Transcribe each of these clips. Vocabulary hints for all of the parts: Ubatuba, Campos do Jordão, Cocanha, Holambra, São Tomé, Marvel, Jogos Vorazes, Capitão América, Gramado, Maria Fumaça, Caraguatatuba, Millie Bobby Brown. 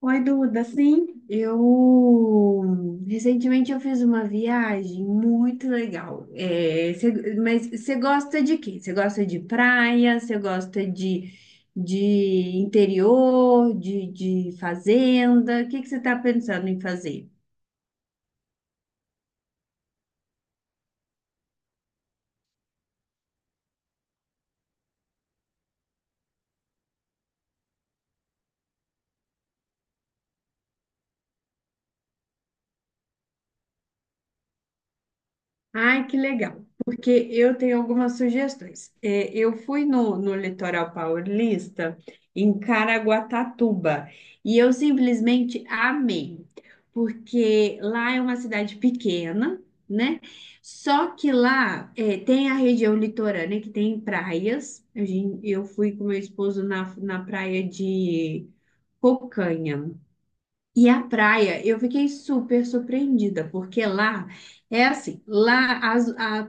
Oi, Duda, sim, eu recentemente eu fiz uma viagem muito legal. Mas você gosta de quê? Você gosta de praia? Você gosta de interior, de fazenda? O que você está pensando em fazer? Ai, que legal, porque eu tenho algumas sugestões. É, eu fui no litoral paulista, em Caraguatatuba, e eu simplesmente amei, porque lá é uma cidade pequena, né? Só que lá tem a região litorânea, que tem praias. Eu fui com meu esposo na praia de Cocanha. E a praia, eu fiquei super surpreendida, porque lá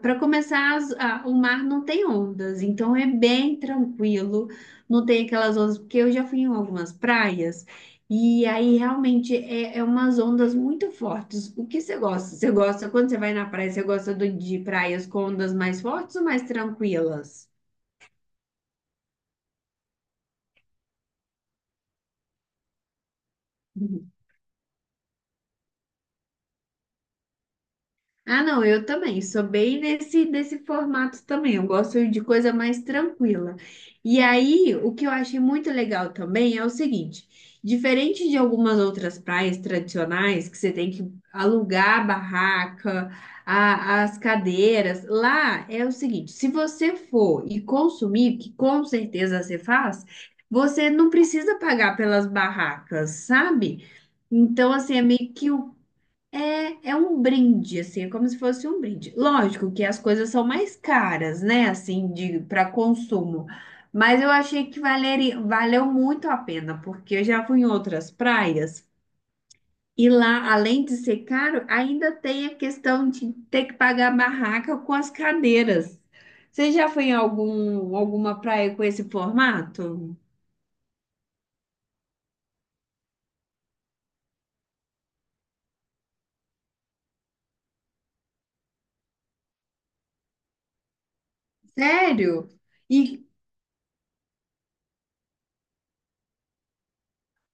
para começar o mar não tem ondas, então é bem tranquilo, não tem aquelas ondas, porque eu já fui em algumas praias e aí realmente é umas ondas muito fortes. O que você gosta? Você gosta quando você vai na praia, você gosta de praias com ondas mais fortes ou mais tranquilas? Ah, não, eu também. Sou bem nesse formato também. Eu gosto de coisa mais tranquila. E aí, o que eu achei muito legal também é o seguinte: diferente de algumas outras praias tradicionais, que você tem que alugar a barraca, as cadeiras, lá é o seguinte: se você for e consumir, que com certeza você faz, você não precisa pagar pelas barracas, sabe? Então, assim, é meio que é um brinde, assim, é como se fosse um brinde. Lógico que as coisas são mais caras, né, assim, de para consumo. Mas eu achei que valeu muito a pena, porque eu já fui em outras praias e lá, além de ser caro, ainda tem a questão de ter que pagar a barraca com as cadeiras. Você já foi em alguma praia com esse formato? Sério? E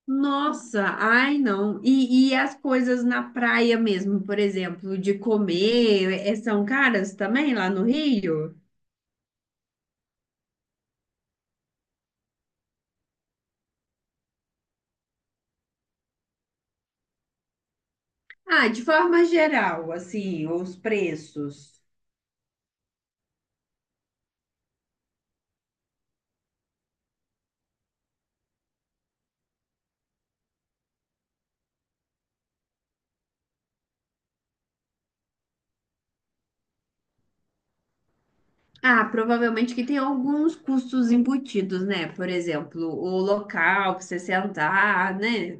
Nossa, ai não. E as coisas na praia mesmo, por exemplo, de comer, são caras também lá no Rio? Ah, de forma geral, assim, os preços. Ah, provavelmente que tem alguns custos embutidos, né? Por exemplo, o local para você sentar, né?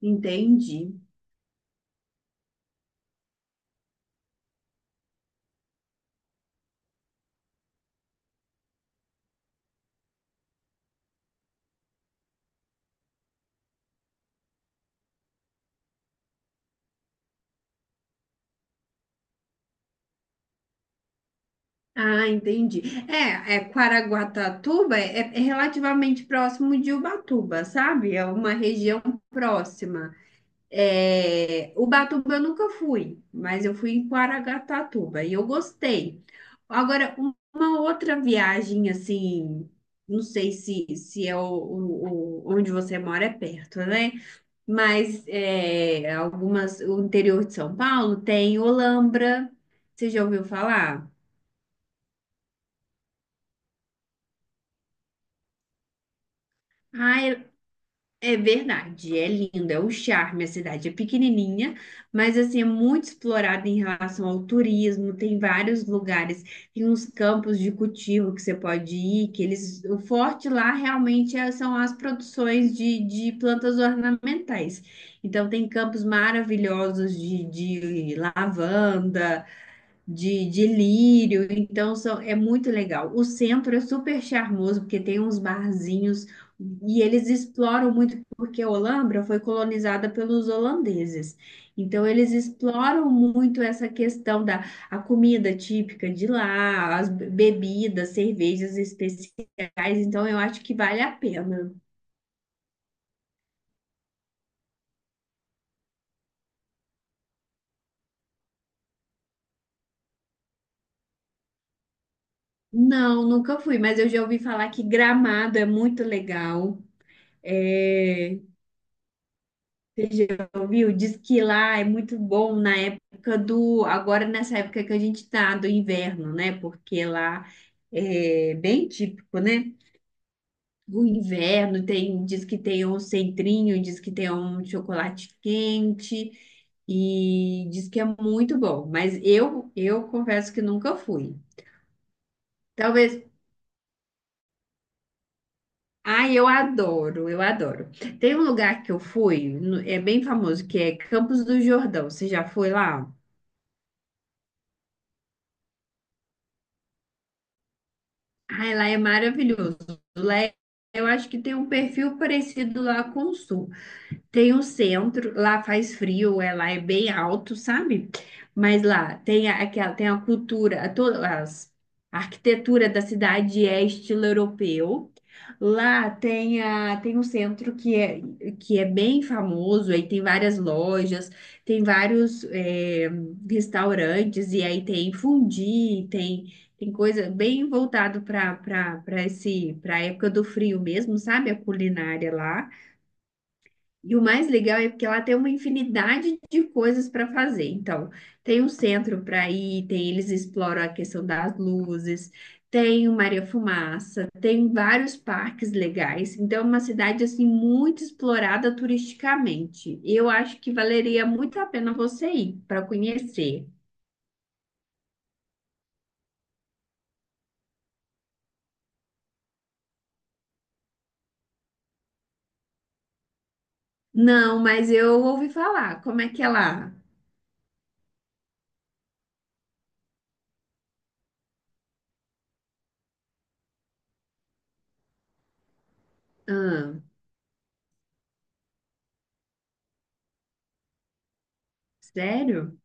Entendi. Ah, entendi. É Caraguatatuba é relativamente próximo de Ubatuba, sabe? É uma região próxima. É, Ubatuba eu nunca fui, mas eu fui em Caraguatatuba e eu gostei. Agora, uma outra viagem assim, não sei se é onde você mora é perto, né? Mas é, algumas, o interior de São Paulo tem Olambra, você já ouviu falar? Ah, é verdade, é lindo, é o charme. A cidade é pequenininha, mas assim é muito explorada em relação ao turismo. Tem vários lugares, tem uns campos de cultivo que você pode ir, que eles, o forte lá realmente é- são as produções de plantas ornamentais. Então tem campos maravilhosos de lavanda de lírio, então é muito legal. O centro é super charmoso, porque tem uns barzinhos e eles exploram muito, porque a Holambra foi colonizada pelos holandeses. Então, eles exploram muito essa questão da a comida típica de lá, as bebidas, cervejas especiais. Então, eu acho que vale a pena. Não, nunca fui, mas eu já ouvi falar que Gramado é muito legal. É, você já ouviu? Diz que lá é muito bom na época do. Agora, nessa época que a gente tá, do inverno, né? Porque lá é bem típico, né? O inverno tem, diz que tem um centrinho, diz que tem um chocolate quente e diz que é muito bom. Mas eu confesso que nunca fui. Talvez. Ah, eu adoro. Tem um lugar que eu fui, é bem famoso, que é Campos do Jordão. Você já foi lá? Ai, lá é maravilhoso. Lá é- eu acho que tem um perfil parecido lá com o Sul. Tem um centro, lá faz frio, lá é bem alto, sabe? Mas lá tem aquela, tem a cultura, a arquitetura da cidade é estilo europeu. Tem um centro que é bem famoso, aí tem várias lojas, tem vários restaurantes, e aí tem fondue, tem coisa bem voltado para esse, para a época do frio mesmo, sabe? A culinária lá. E o mais legal é porque ela tem uma infinidade de coisas para fazer. Então, tem um centro para ir, tem eles exploram a questão das luzes, tem o Maria Fumaça, tem vários parques legais. Então, é uma cidade assim muito explorada turisticamente. Eu acho que valeria muito a pena você ir para conhecer. Não, mas eu ouvi falar. Como é que é lá? Ah, sério?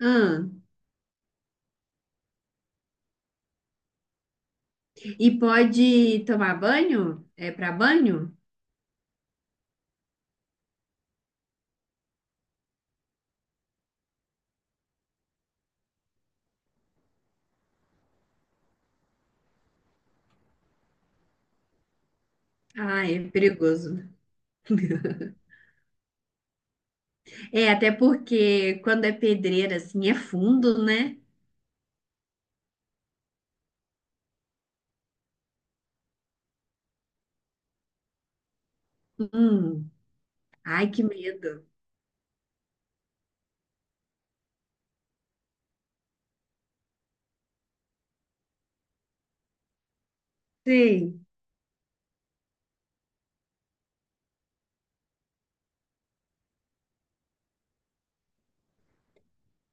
Ah, e pode tomar banho? É para banho? Ah, é perigoso. É, até porque quando é pedreira, assim, é fundo, né? Hum, ai, que medo. Sim.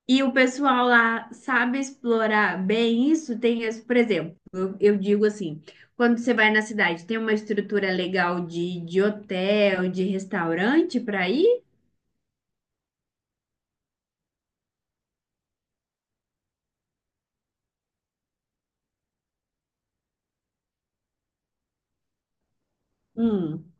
E o pessoal lá sabe explorar bem isso? Por exemplo, eu digo assim, quando você vai na cidade, tem uma estrutura legal de hotel, de restaurante para ir? Hum.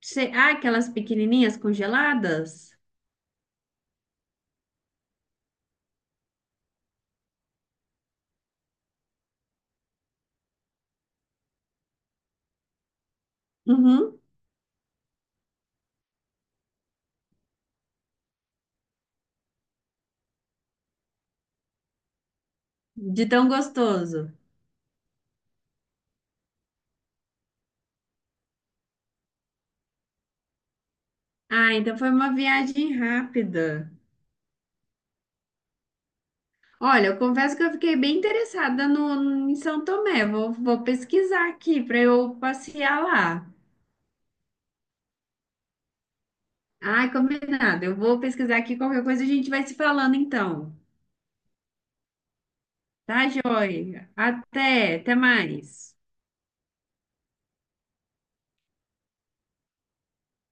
Ah, aquelas pequenininhas congeladas? Uhum, de tão gostoso. Ah, então foi uma viagem rápida. Olha, eu confesso que eu fiquei bem interessada no, em São Tomé. Vou pesquisar aqui para eu passear lá. Ai, combinado. Eu vou pesquisar aqui. Qualquer coisa a gente vai se falando então. Tá, joia? Até mais.